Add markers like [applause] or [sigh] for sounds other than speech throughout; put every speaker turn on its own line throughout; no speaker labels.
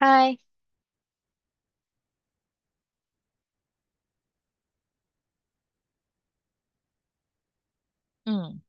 嗨。嗯。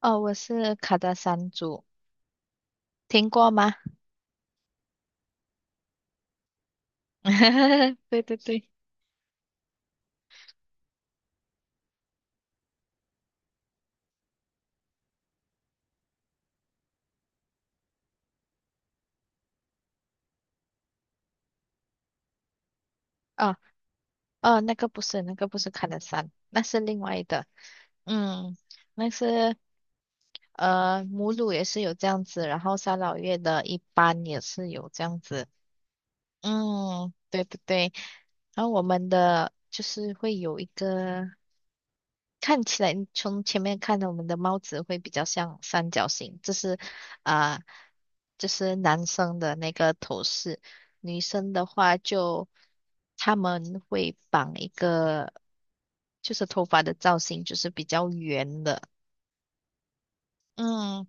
哦，我是卡达山猪，听过吗？[laughs] 对对对。哦哦，那个不是，那个不是卡达山，那是另外的。嗯，那是母乳也是有这样子，然后三老月的一般也是有这样子。嗯，对对对。然后我们的就是会有一个。看起来从前面看的我们的帽子会比较像三角形，啊、这是男生的那个头饰，女生的话就他们会绑一个，就是头发的造型就是比较圆的。嗯。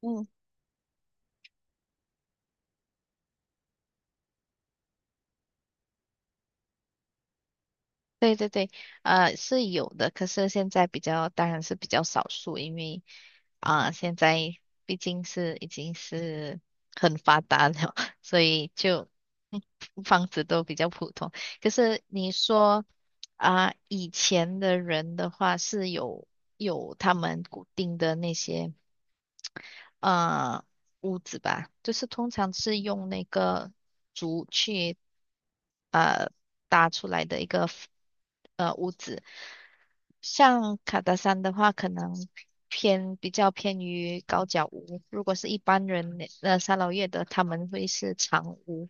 嗯，对对对，是有的，可是现在比较，当然是比较少数，因为啊、现在毕竟是已经是很发达了，[laughs] 所以就嗯房子都比较普通。可是你说啊、以前的人的话是有他们固定的那些。呃屋子吧，就是通常是用那个竹去呃搭出来的一个 屋子。像卡达山的话，可能偏比较偏于高脚屋。如果是一般人三老越的，他们会是长屋。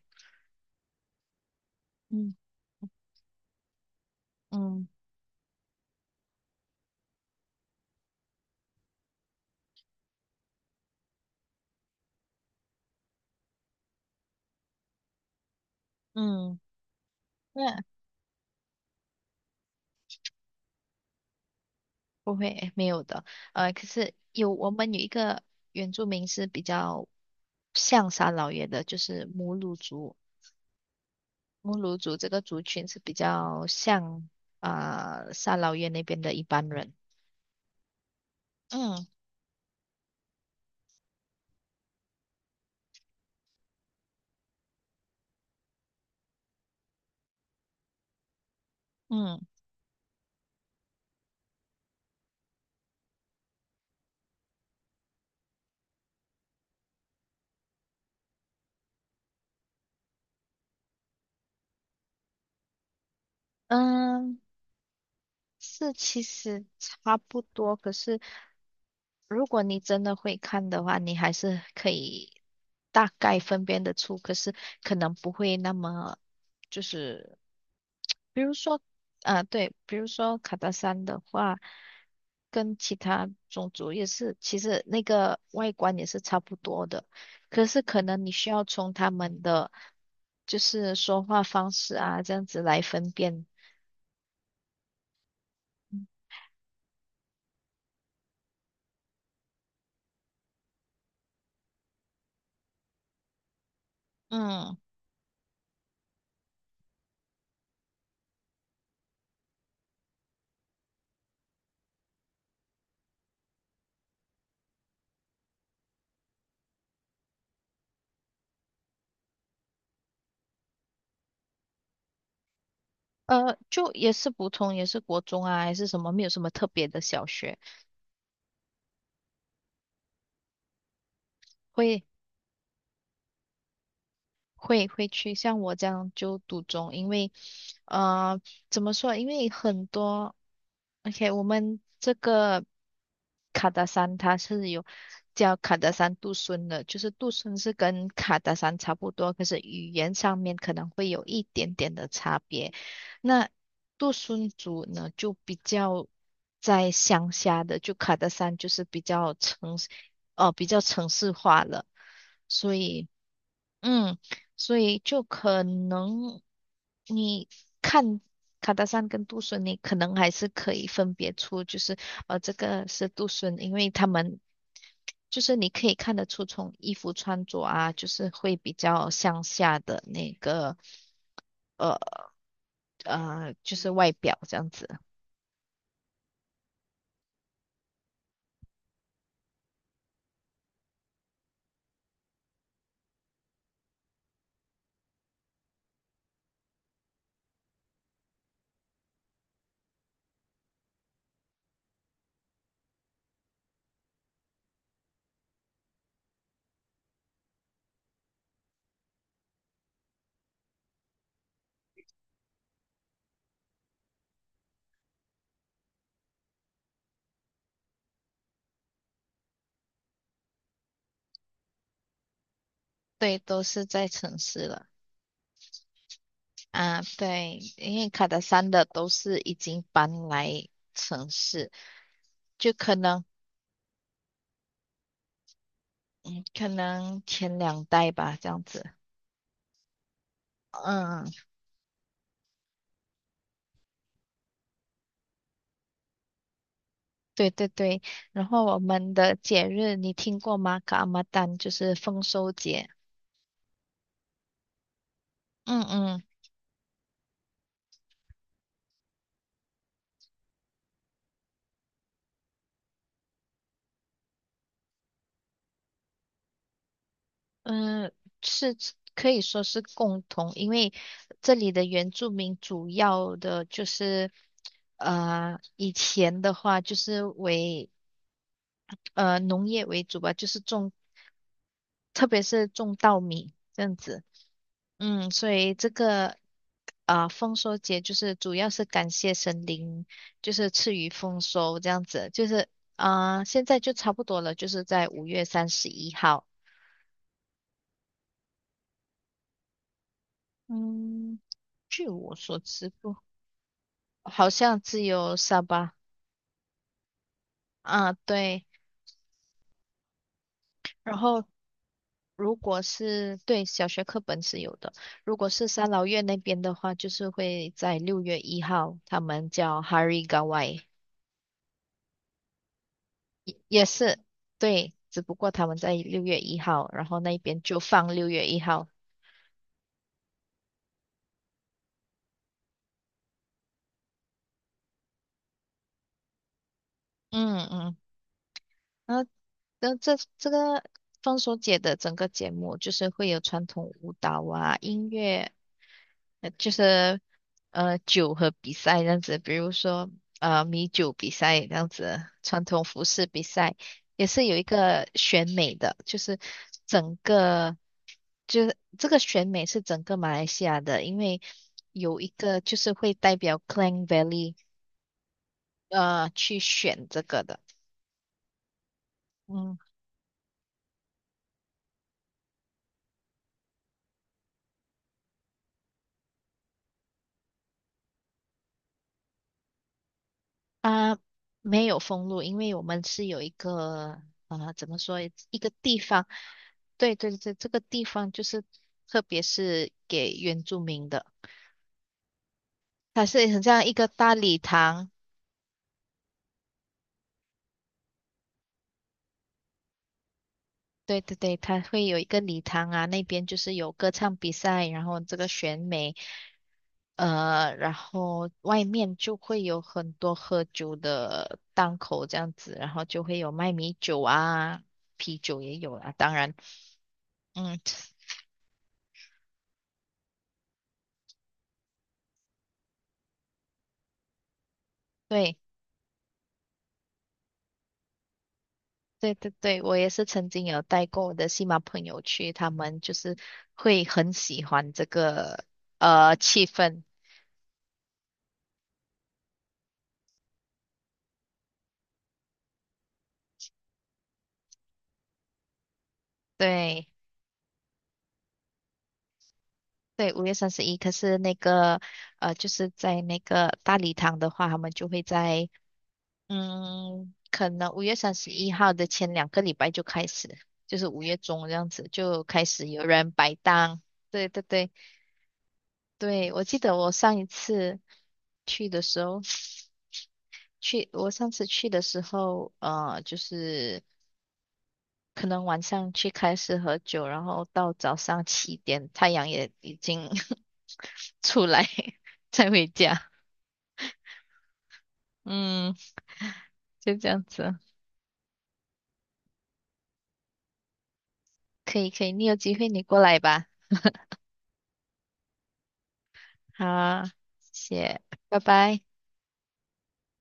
嗯嗯嗯，那不会没有的。可是我们有一个原住民是比较像三老爷的，就是母乳族。乌鲁族这个族群是比较像啊、沙劳越那边的一般人。嗯嗯嗯、是其实差不多，可是如果你真的会看的话，你还是可以大概分辨得出，可是可能不会那么就是，比如说，啊，对，比如说卡达山的话，跟其他种族也是，其实那个外观也是差不多的，可是可能你需要从他们的就是说话方式啊，这样子来分辨。嗯，就也是普通，也是国中啊，还是什么，没有什么特别的小学，会会去像我这样就赌中，因为呃怎么说？因为很多，OK，我们这个卡达山它是有叫卡达山杜孙的，就是杜孙是跟卡达山差不多，可是语言上面可能会有一点点的差别。那杜孙族呢，就比较在乡下的，就卡达山就是比较城市，呃，比较城市化了，所以。嗯，所以就可能你看卡达山跟杜顺，你可能还是可以分别出，就是这个是杜顺，因为他们就是你可以看得出从衣服穿着啊，就是会比较向下的那个呃就是外表这样子。对，都是在城市了啊，对，因为卡达山的都是已经搬来城市，就可能。嗯，可能前两代吧，这样子。嗯，对对对。然后我们的节日你听过吗？噶阿玛丹就是丰收节。嗯嗯嗯，是可以说是共同，因为这里的原住民主要的就是，以前的话就是为农业为主吧，就是种，特别是种稻米这样子。嗯，所以这个啊、丰收节就是主要是感谢神灵，就是赐予丰收这样子，就是啊、现在就差不多了，就是在五月三十一号。嗯，据我所知不，好像只有沙巴啊，对。然后如果是对小学课本是有的，如果是三老越那边的话，就是会在六月一号，他们叫 Hari Gawai。也是，对，只不过他们在六月一号，然后那边就放六月一号。嗯嗯，然后那这个放手节的整个节目就是会有传统舞蹈啊、音乐，就是酒和比赛这样子，比如说米酒比赛这样子，传统服饰比赛也是有一个选美的，就是整个。就是这个选美是整个马来西亚的，因为有一个就是会代表 Klang Valley 去选这个的，嗯啊没有封路，因为我们是有一个怎么说一个地方，对对对，这个地方就是特别是给原住民的，它是很像一个大礼堂。对对对，它会有一个礼堂啊，那边就是有歌唱比赛，然后这个选美，然后外面就会有很多喝酒的档口这样子，然后就会有卖米酒啊，啤酒也有啊，当然。嗯，对，对对对，我也是曾经有带过我的西马朋友去，他们就是会很喜欢这个气氛，对。对，五月三十一，可是那个，就是在那个大礼堂的话，他们就会在可能五月三十一号的前两个礼拜就开始，就是5月中这样子就开始有人摆档。对对对对，我记得我上一次去的时候，我上次去的时候，就是可能晚上去开始喝酒，然后到早上7点太阳也已经 [laughs] 出来，[laughs] 才回家。嗯，就这样子。可以可以，你有机会你过来吧。好啊谢谢，拜拜。